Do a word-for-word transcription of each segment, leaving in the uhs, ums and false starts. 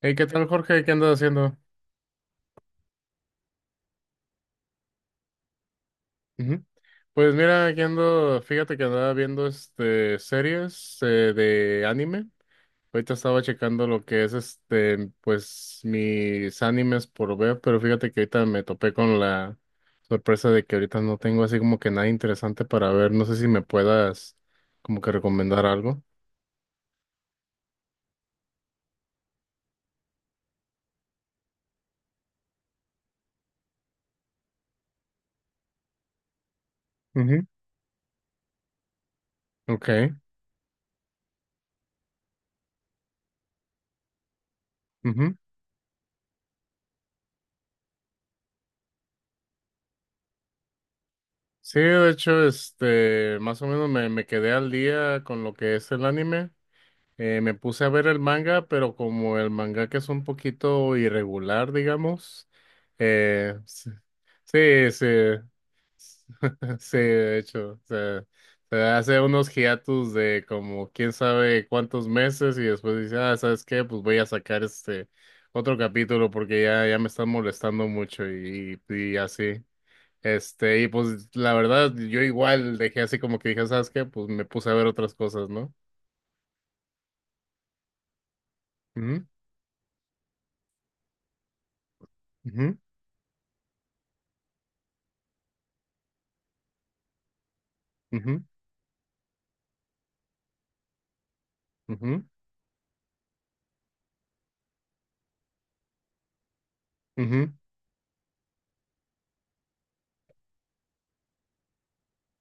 Hey, ¿qué tal, Jorge? ¿Qué andas haciendo? Ujú. Pues mira, aquí ando, fíjate que andaba viendo este series eh, de anime. Ahorita estaba checando lo que es este, pues mis animes por ver, pero fíjate que ahorita me topé con la sorpresa de que ahorita no tengo así como que nada interesante para ver. No sé si me puedas como que recomendar algo. Ujú. Ok. Ujú. Sí, de hecho, este, más o menos me, me quedé al día con lo que es el anime. Eh, me puse a ver el manga, pero como el manga que es un poquito irregular, digamos, eh, sí, sí, se- sí, de hecho, o se hace unos hiatus de como quién sabe cuántos meses y después dice, ah, ¿sabes qué? Pues voy a sacar este otro capítulo porque ya, ya me están molestando mucho y, y así. Este, y pues la verdad, yo igual dejé así como que dije, ¿sabes qué? Pues me puse a ver otras cosas, ¿no? Ujú, ujú, ujú. Ujú, ujú,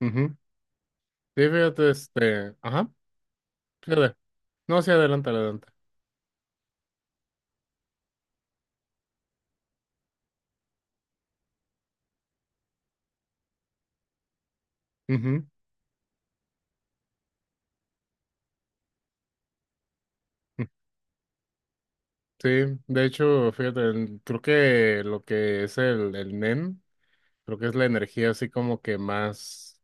ujú. Sí, fíjate, este, ajá, fíjate. No, sí, adelante, adelante. Ujú, ujú. Sí, de hecho, fíjate, el- creo que lo que es el, el N E M, creo que es la energía así como que más,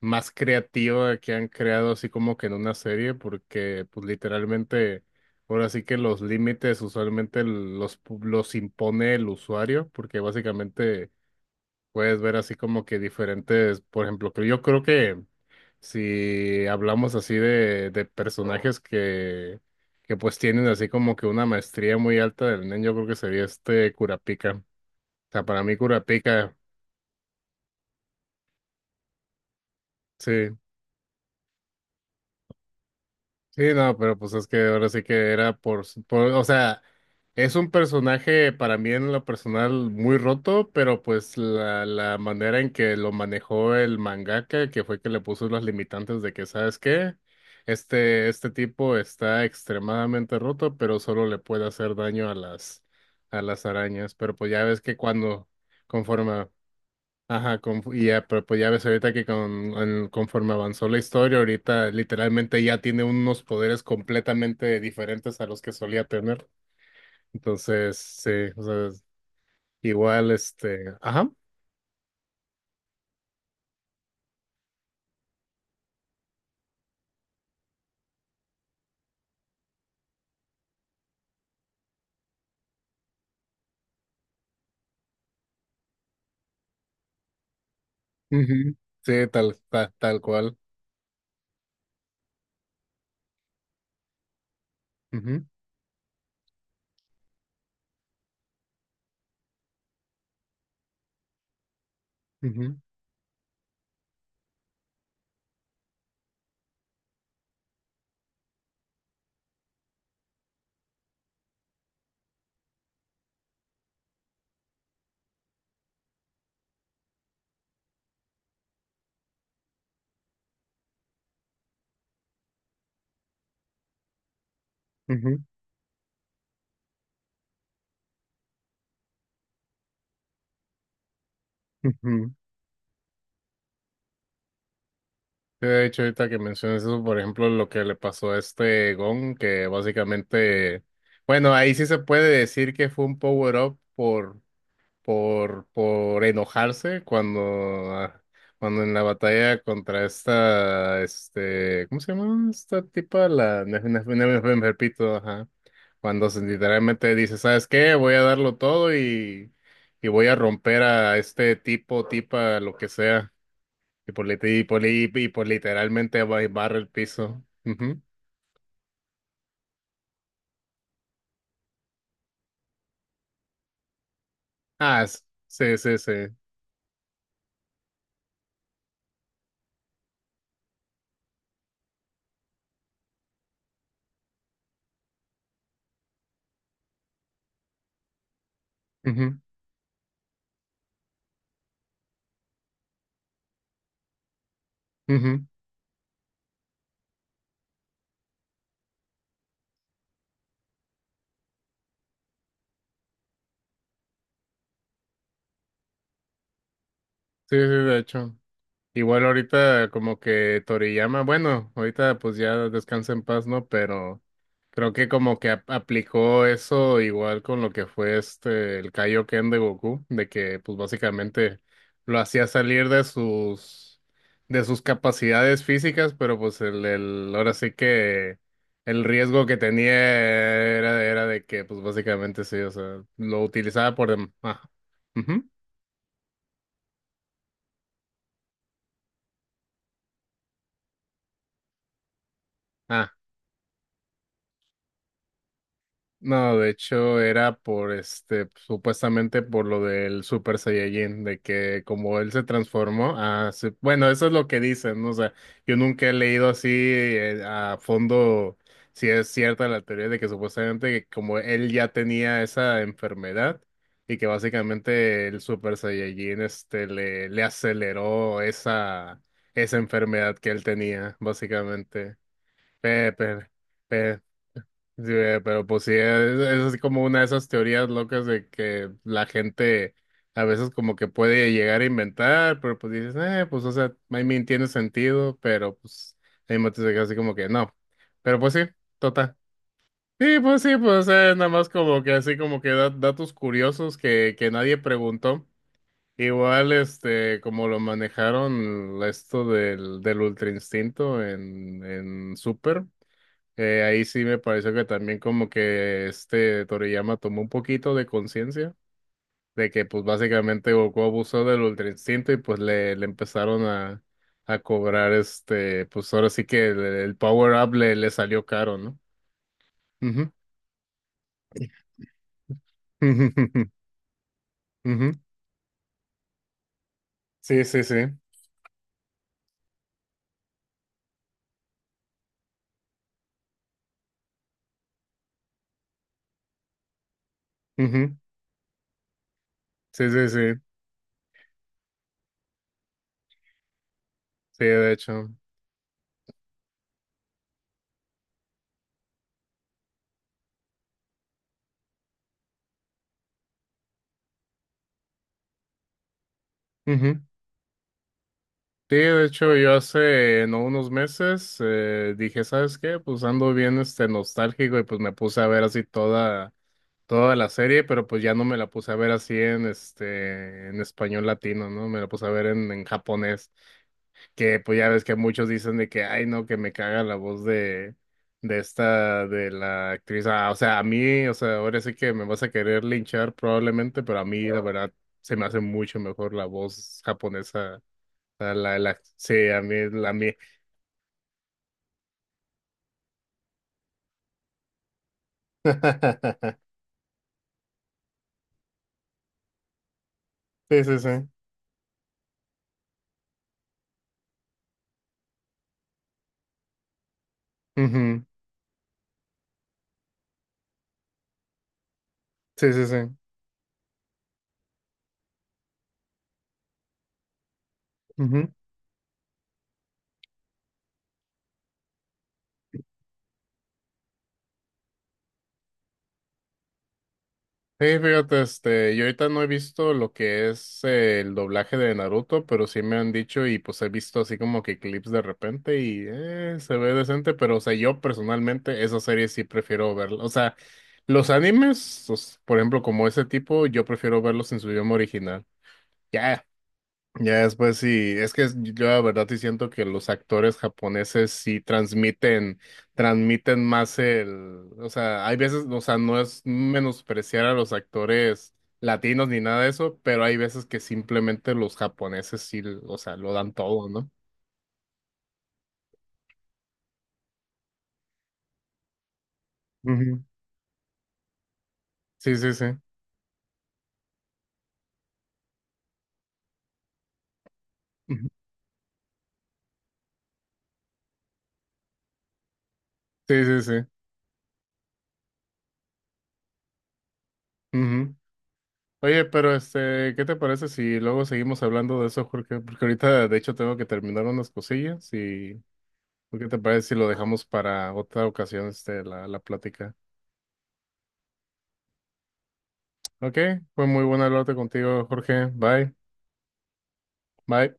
más creativa que han creado así como que en una serie, porque pues literalmente, ahora sí que los límites usualmente los, pu- los impone el usuario, porque básicamente puedes ver así como que diferentes, por ejemplo, que yo creo que si hablamos así de, de personajes que, que pues tienen así como que una maestría muy alta del nen, yo creo que sería este Kurapika. O sea, para mí Kurapika, sí. Sí, no, pero pues es que ahora sí que era por, su- por- o sea, es un personaje para mí en lo personal muy roto, pero pues la, la manera en que lo manejó el mangaka, que fue que le puso los limitantes de que, ¿sabes qué? Este, este tipo está extremadamente roto, pero solo le puede hacer daño a las, a las arañas. Pero pues ya ves que cuando, conforme, ajá, con- y ya, pero pues ya ves ahorita que con, en- conforme avanzó la historia, ahorita literalmente ya tiene unos poderes completamente diferentes a los que solía tener. Entonces, sí, o sea, es- igual este, ajá, ujú. Sí, tal, ta- tal, cual. Ujú, ujú, ujú, ujú. Sí, de hecho, ahorita que mencionas eso, por ejemplo, lo que le pasó a este Gon, que básicamente, bueno, ahí sí se puede decir que fue un power-up por, por enojarse cuando, ah, cuando en la batalla contra esta, este, ¿cómo se llama esta tipa? La Nef- Nef- Nef- Nef- Nepito, ajá. Cuando se- literalmente dice, ¿sabes qué? Voy a darlo todo y, y voy a romper a este tipo, tipa, lo que sea. Y por, lit- y por, li- y por literalmente va- barre el piso. Ujú. Ah, s- sí, sí, sí. Ujú, ujú. Sí, sí, de hecho. Igual ahorita como que Toriyama, bueno, ahorita pues ya descansa en paz, ¿no? Pero creo que como que ap- aplicó eso igual con lo que fue este, el Kaioken de Goku, de que pues básicamente lo hacía salir de sus, de sus capacidades físicas, pero pues el, el, ahora sí que el riesgo que tenía era, era de que pues básicamente sí, o sea, lo utilizaba por... dem- Ah, ujú, ah. No, de hecho era por este, supuestamente por lo del Super Saiyajin, de que como él se transformó, ah, se- bueno, eso es lo que dicen, ¿no? O sea, yo nunca he leído así eh, a fondo si es cierta la teoría de que supuestamente que como él ya tenía esa enfermedad y que básicamente el Super Saiyajin este le, le aceleró esa, esa enfermedad que él tenía, básicamente. Pepe. Sí, eh, pero pues sí, es, es así como una de esas teorías locas de que la gente a veces como que puede llegar a inventar, pero pues dices, eh, pues o sea, I mean, tiene sentido, pero pues hay momentos de que así como que no. Pero pues sí, total. Sí, pues sí, pues eh, nada más como que así como que da- datos curiosos que, que nadie preguntó. Igual, este, como lo manejaron esto del, del ultra instinto en, en Super. Eh, ahí sí me pareció que también como que este Toriyama tomó un poquito de conciencia de que pues básicamente Goku abusó del Ultra Instinto y pues le, le empezaron a, a cobrar este, pues ahora sí que el, el power up le, le salió caro, ¿no? Ujú. Ujú. Sí, sí, sí. Ujú. Sí, sí, sí. Sí, de hecho. Ujú. Sí, de hecho, yo hace no unos meses eh, dije, ¿sabes qué? Pues ando bien este nostálgico y pues me puse a ver así toda toda la serie, pero pues ya no me la puse a ver así en este en español latino, ¿no? Me la puse a ver en, en japonés, que pues ya ves que muchos dicen de que ay no, que me caga la voz de de esta de la actriz. Ah, o sea, a mí, o sea, ahora sí que me vas a querer linchar probablemente, pero a mí la verdad se me hace mucho mejor la voz japonesa. O sea, la, la, sí, a mí, la mí. Sí, sí, sí. Ujú. Sí, sí, sí. Sí, fíjate, este, yo ahorita no he visto lo que es eh, el doblaje de Naruto, pero sí me han dicho y pues he visto así como que clips de repente y eh, se ve decente, pero o sea, yo personalmente esa serie sí prefiero verla. O sea, los animes, os- por ejemplo, como ese tipo, yo prefiero verlos en su idioma original. Ya, ya después sí, es que yo la verdad sí siento que los actores japoneses sí transmiten, transmiten más el, o sea, hay veces, o sea, no es menospreciar a los actores latinos ni nada de eso, pero hay veces que simplemente los japoneses sí, o sea, lo dan todo, ¿no? Ujú. Sí, sí, sí. Ujú. Sí, sí, sí. Ujú. Oye, pero este, ¿qué te parece si luego seguimos hablando de eso, Jorge? Porque ahorita, de hecho, tengo que terminar unas cosillas y ¿O ¿qué te parece si lo dejamos para otra ocasión, este, la, la plática? Ok, fue muy buena hablarte contigo, Jorge. Bye, bye.